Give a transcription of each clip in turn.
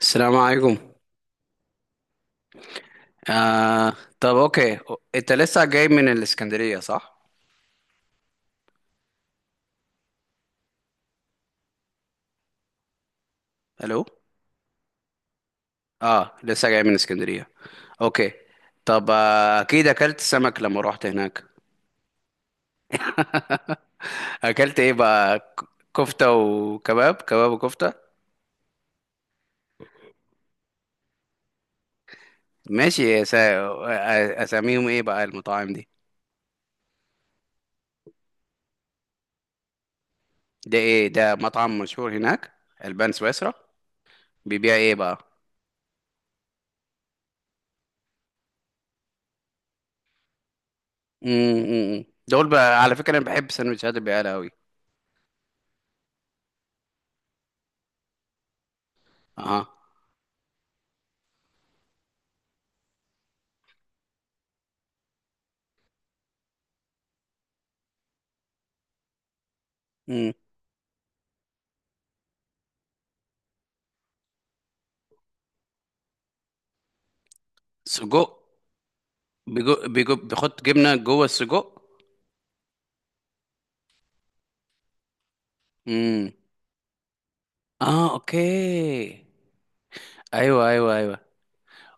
السلام عليكم. آه. طب، اوكي. انت لسه جاي من الاسكندرية صح؟ الو. اه، لسه جاي من الاسكندرية. اوكي. طب اكيد اكلت سمك لما روحت هناك. اكلت ايه بقى كفتة وكباب كباب وكفتة. ماشي يا سا... آه، اساميهم ايه بقى المطاعم دي؟ ده ايه ده؟ مطعم مشهور هناك؟ البان سويسرا. بيبيع ايه بقى؟ دول بقى على فكرة انا بحب سندوتشات البقالة قوي. اها. امم. سجق. بيجو بيجو بيحط جبنه جوه السجق. امم. اه، اوكي. ايوه، ايوه، ايوه.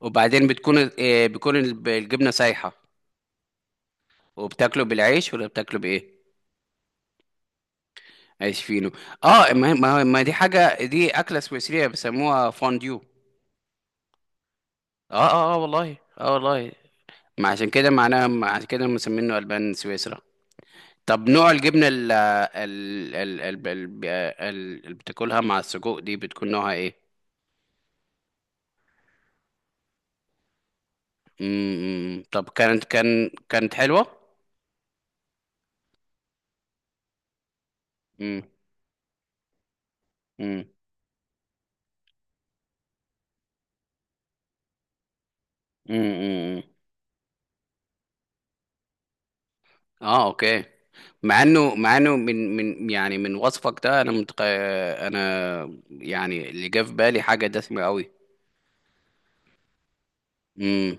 وبعدين بتكون الجبنه سايحه. وبتاكله بالعيش ولا بتاكله بايه؟ عيش فينو. اه، ما دي حاجه، دي اكله سويسريه بيسموها فونديو. اه، اه، اه، والله، اه والله. ما عشان كده معناها، ما عشان كده مسمينه البان سويسرا. طب نوع الجبنه ال اللي بتاكلها مع السجق دي بتكون نوعها ايه؟ امم. طب كانت حلوة؟ امم، امم، امم، اه اوكي. مع انه، من يعني من وصفك ده انا انا يعني اللي جه في بالي حاجة دسمة قوي. امم،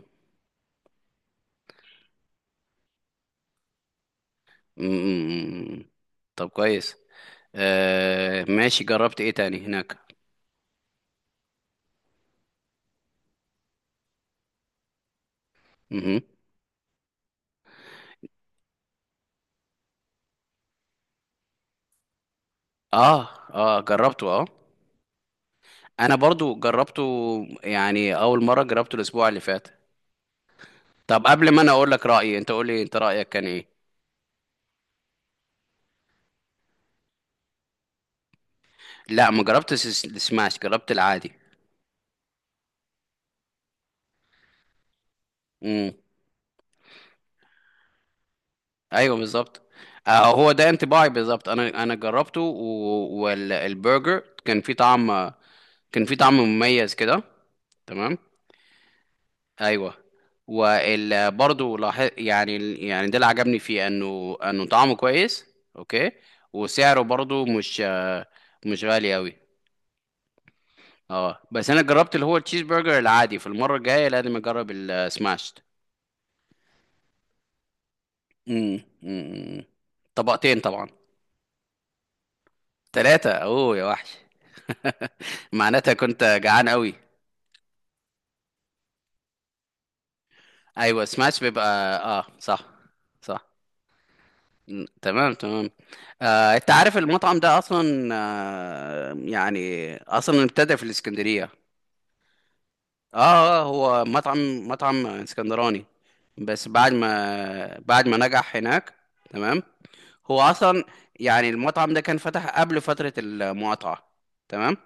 امم. طب كويس. ماشي، جربت ايه تاني هناك؟ امم. اه، اه، جربته، اه. انا برضو جربته، يعني اول مرة جربته الاسبوع اللي فات. طب قبل ما انا اقول لك رأيي، انت قول لي انت رأيك كان ايه. لا ما جربتش السماش، جربت العادي. امم. ايوه بالظبط. هو ده انطباعي بالظبط. انا، جربته والبرجر كان فيه طعم. كان فيه طعم مميز كده. تمام. ايوه، برضه لاحظ يعني يعني ده اللي عجبني فيه، انه طعمه كويس. اوكي. وسعره برضه مش مش غالي قوي. اه، بس انا جربت اللي هو التشيز برجر العادي. في المره الجايه لازم اجرب السماش. امم، أمم. طبقتين طبعا؟ ثلاثة؟ اوه يا وحش. معناتها كنت جعان قوي. ايوه، سماش بيبقى. اه صح. صح. تمام، تمام. انت عارف المطعم ده اصلا يعني اصلا ابتدى في الاسكندرية. اه هو مطعم، مطعم اسكندراني. بس بعد ما، نجح هناك. تمام. هو اصلا، يعني المطعم ده كان فتح قبل فترة المقاطعة. تمام.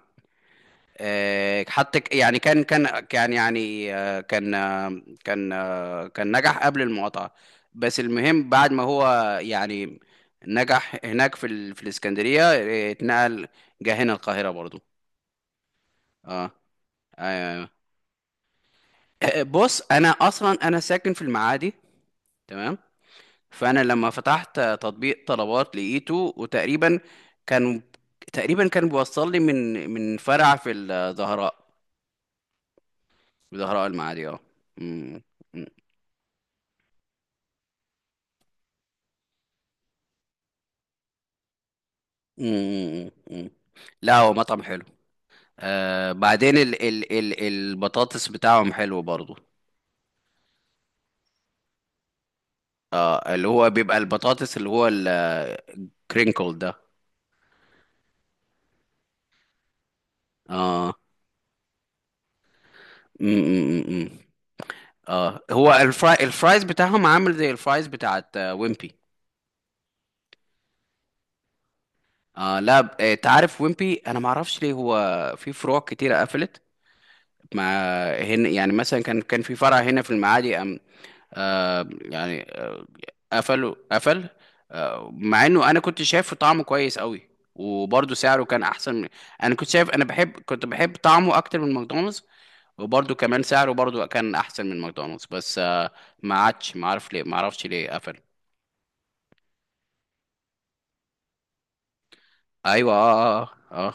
يعني كان يعني كان نجح قبل المقاطعة. بس المهم بعد ما هو، يعني، نجح هناك في الإسكندرية، اتنقل، جه هنا القاهرة برضو. اه. آه. بص انا ساكن في المعادي. تمام. فانا لما فتحت تطبيق طلبات لقيته. وتقريبا كان، تقريبا كان بيوصل لي من فرع في الزهراء. في زهراء المعادي، اه. مم. امم، امم. لا هو مطعم حلو. بعدين ال ال ال البطاطس بتاعهم حلو برضو، اللي هو بيبقى البطاطس اللي هو الكرينكل ده. اه. امم. اه، هو الفرايز بتاعهم عامل زي الفرايز بتاعت ويمبي. اه، لا، تعرف ويمبي، انا ما اعرفش ليه هو في فروع كتيره قفلت. ما هنا يعني مثلا، كان كان في فرع هنا في المعادي آه يعني آه قفله، قفل. مع انه انا كنت شايفه طعمه كويس قوي. وبرضه سعره كان احسن من، انا كنت شايف، انا بحب، كنت بحب طعمه اكتر من ماكدونالدز. وبرضه كمان سعره برضه كان احسن من ماكدونالدز بس ما عادش، ما عارف ليه، ما اعرفش ليه قفل. ايوه، اه، اه، اه.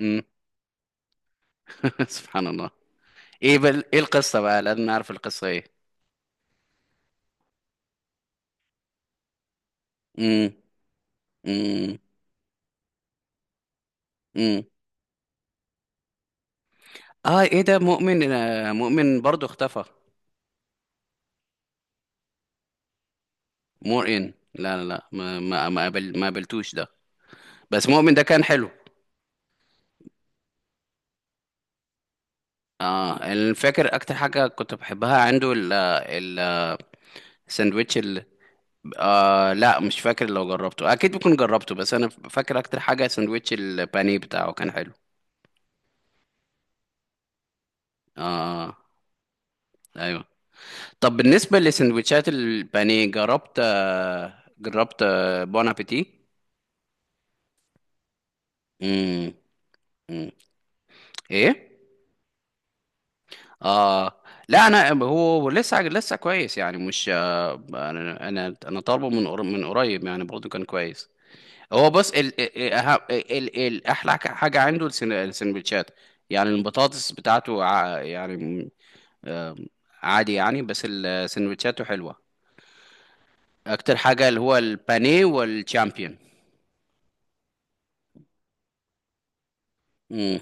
امم. سبحان الله. ايه ايه القصه بقى؟ لازم نعرف القصه ايه. امم، امم، امم. اه، ايه ده مؤمن؟ مؤمن برضه اختفى؟ مور ان؟ لا، لا، لا، ما ما ما ما قابلتوش ده. بس مؤمن ده كان حلو. اه، أنا فاكر اكتر حاجه كنت بحبها عنده الساندوتش لا مش فاكر، لو جربته اكيد بكون جربته. بس انا فاكر اكتر حاجه ساندوتش البانيه بتاعه كان حلو. اه، ايوه. طب بالنسبه لسندوتشات البانيه، جربت بون ابيتي؟ امم، أمم. ايه. اه، لا، انا هو لسه، كويس يعني، مش انا، انا طالبه من من قريب يعني، برضه كان كويس. هو بص احلى حاجه عنده السندوتشات يعني. البطاطس بتاعته يعني م- آم، عادي يعني. بس السندوتشاته حلوه. اكتر حاجه اللي هو البانيه والشامبيون. امم،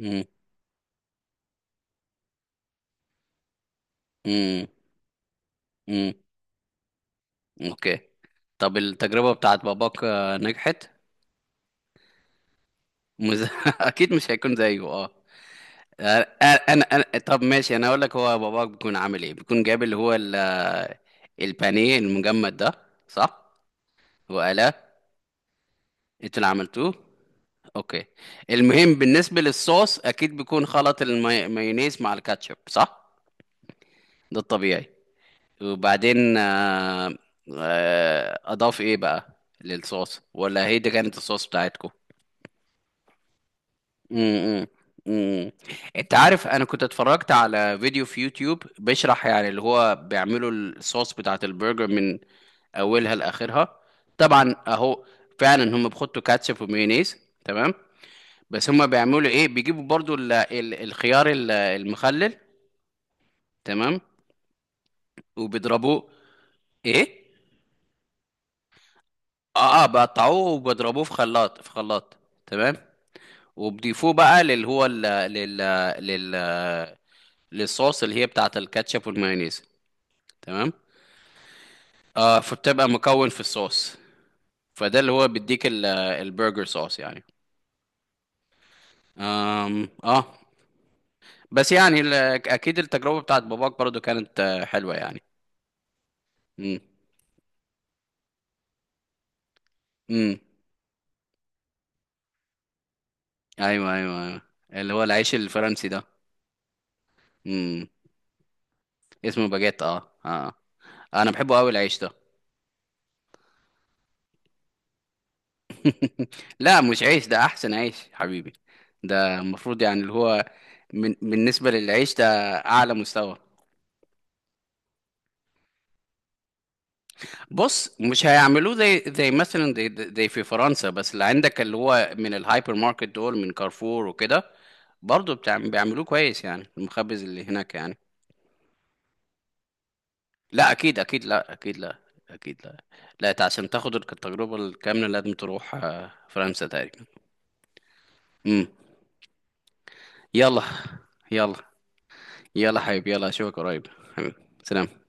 امم، امم، امم. اوكي. طب التجربه بتاعت باباك نجحت؟ مز... اكيد مش هيكون زيه، اه. انا، طب ماشي، انا اقول لك، هو باباك بيكون عامل ايه؟ بيكون جايب اللي هو البانيه المجمد ده، صح؟ وقلاه؟ انتوا اللي عملتوه. اوكي. المهم بالنسبه للصوص، اكيد بيكون خلط المايونيز مع الكاتشب، صح؟ ده الطبيعي. وبعدين اضاف ايه بقى للصوص، ولا هي دي كانت الصوص بتاعتكم؟ امم، امم. انت عارف انا كنت اتفرجت على فيديو في يوتيوب بيشرح، يعني اللي هو بيعملوا الصوص بتاعت البرجر من اولها لاخرها. طبعا اهو. فعلا هم بيحطوا كاتشب ومايونيز. تمام. بس هم بيعملوا ايه، بيجيبوا برضو ال ال الخيار المخلل. تمام. وبيضربوه. ايه. اه، اه، بقطعوه وبيضربوه في خلاط، في خلاط. تمام. وبيضيفوه بقى للي هو ال- لل لل للصوص اللي هي بتاعت الكاتشب والمايونيز. تمام. فبتبقى مكون في الصوص، فده اللي هو بيديك البرجر صوص يعني. اه. بس يعني اكيد التجربة بتاعت باباك برضو كانت حلوة يعني. امم، امم. ايوه، ايوه، ايوه. اللي هو العيش الفرنسي ده. امم. اسمه باجيت. اه، اه. انا بحبه قوي العيش ده. لا مش عيش، ده احسن عيش حبيبي. ده المفروض يعني اللي هو، من بالنسبة للعيش ده، اعلى مستوى. بص مش هيعملوه زي زي مثلا زي، في فرنسا، بس اللي عندك اللي هو من الهايبر ماركت دول، من كارفور وكده، برضه بتاع بيعملوه كويس يعني، المخبز اللي هناك يعني. لا اكيد، اكيد لا، اكيد لا، اكيد لا. لا انت عشان تاخد التجربة الكاملة لازم تروح فرنسا تقريبا. امم. يلا. يلا. يلا حبيبي، يلا اشوفك قريب. حبيبي، سلام.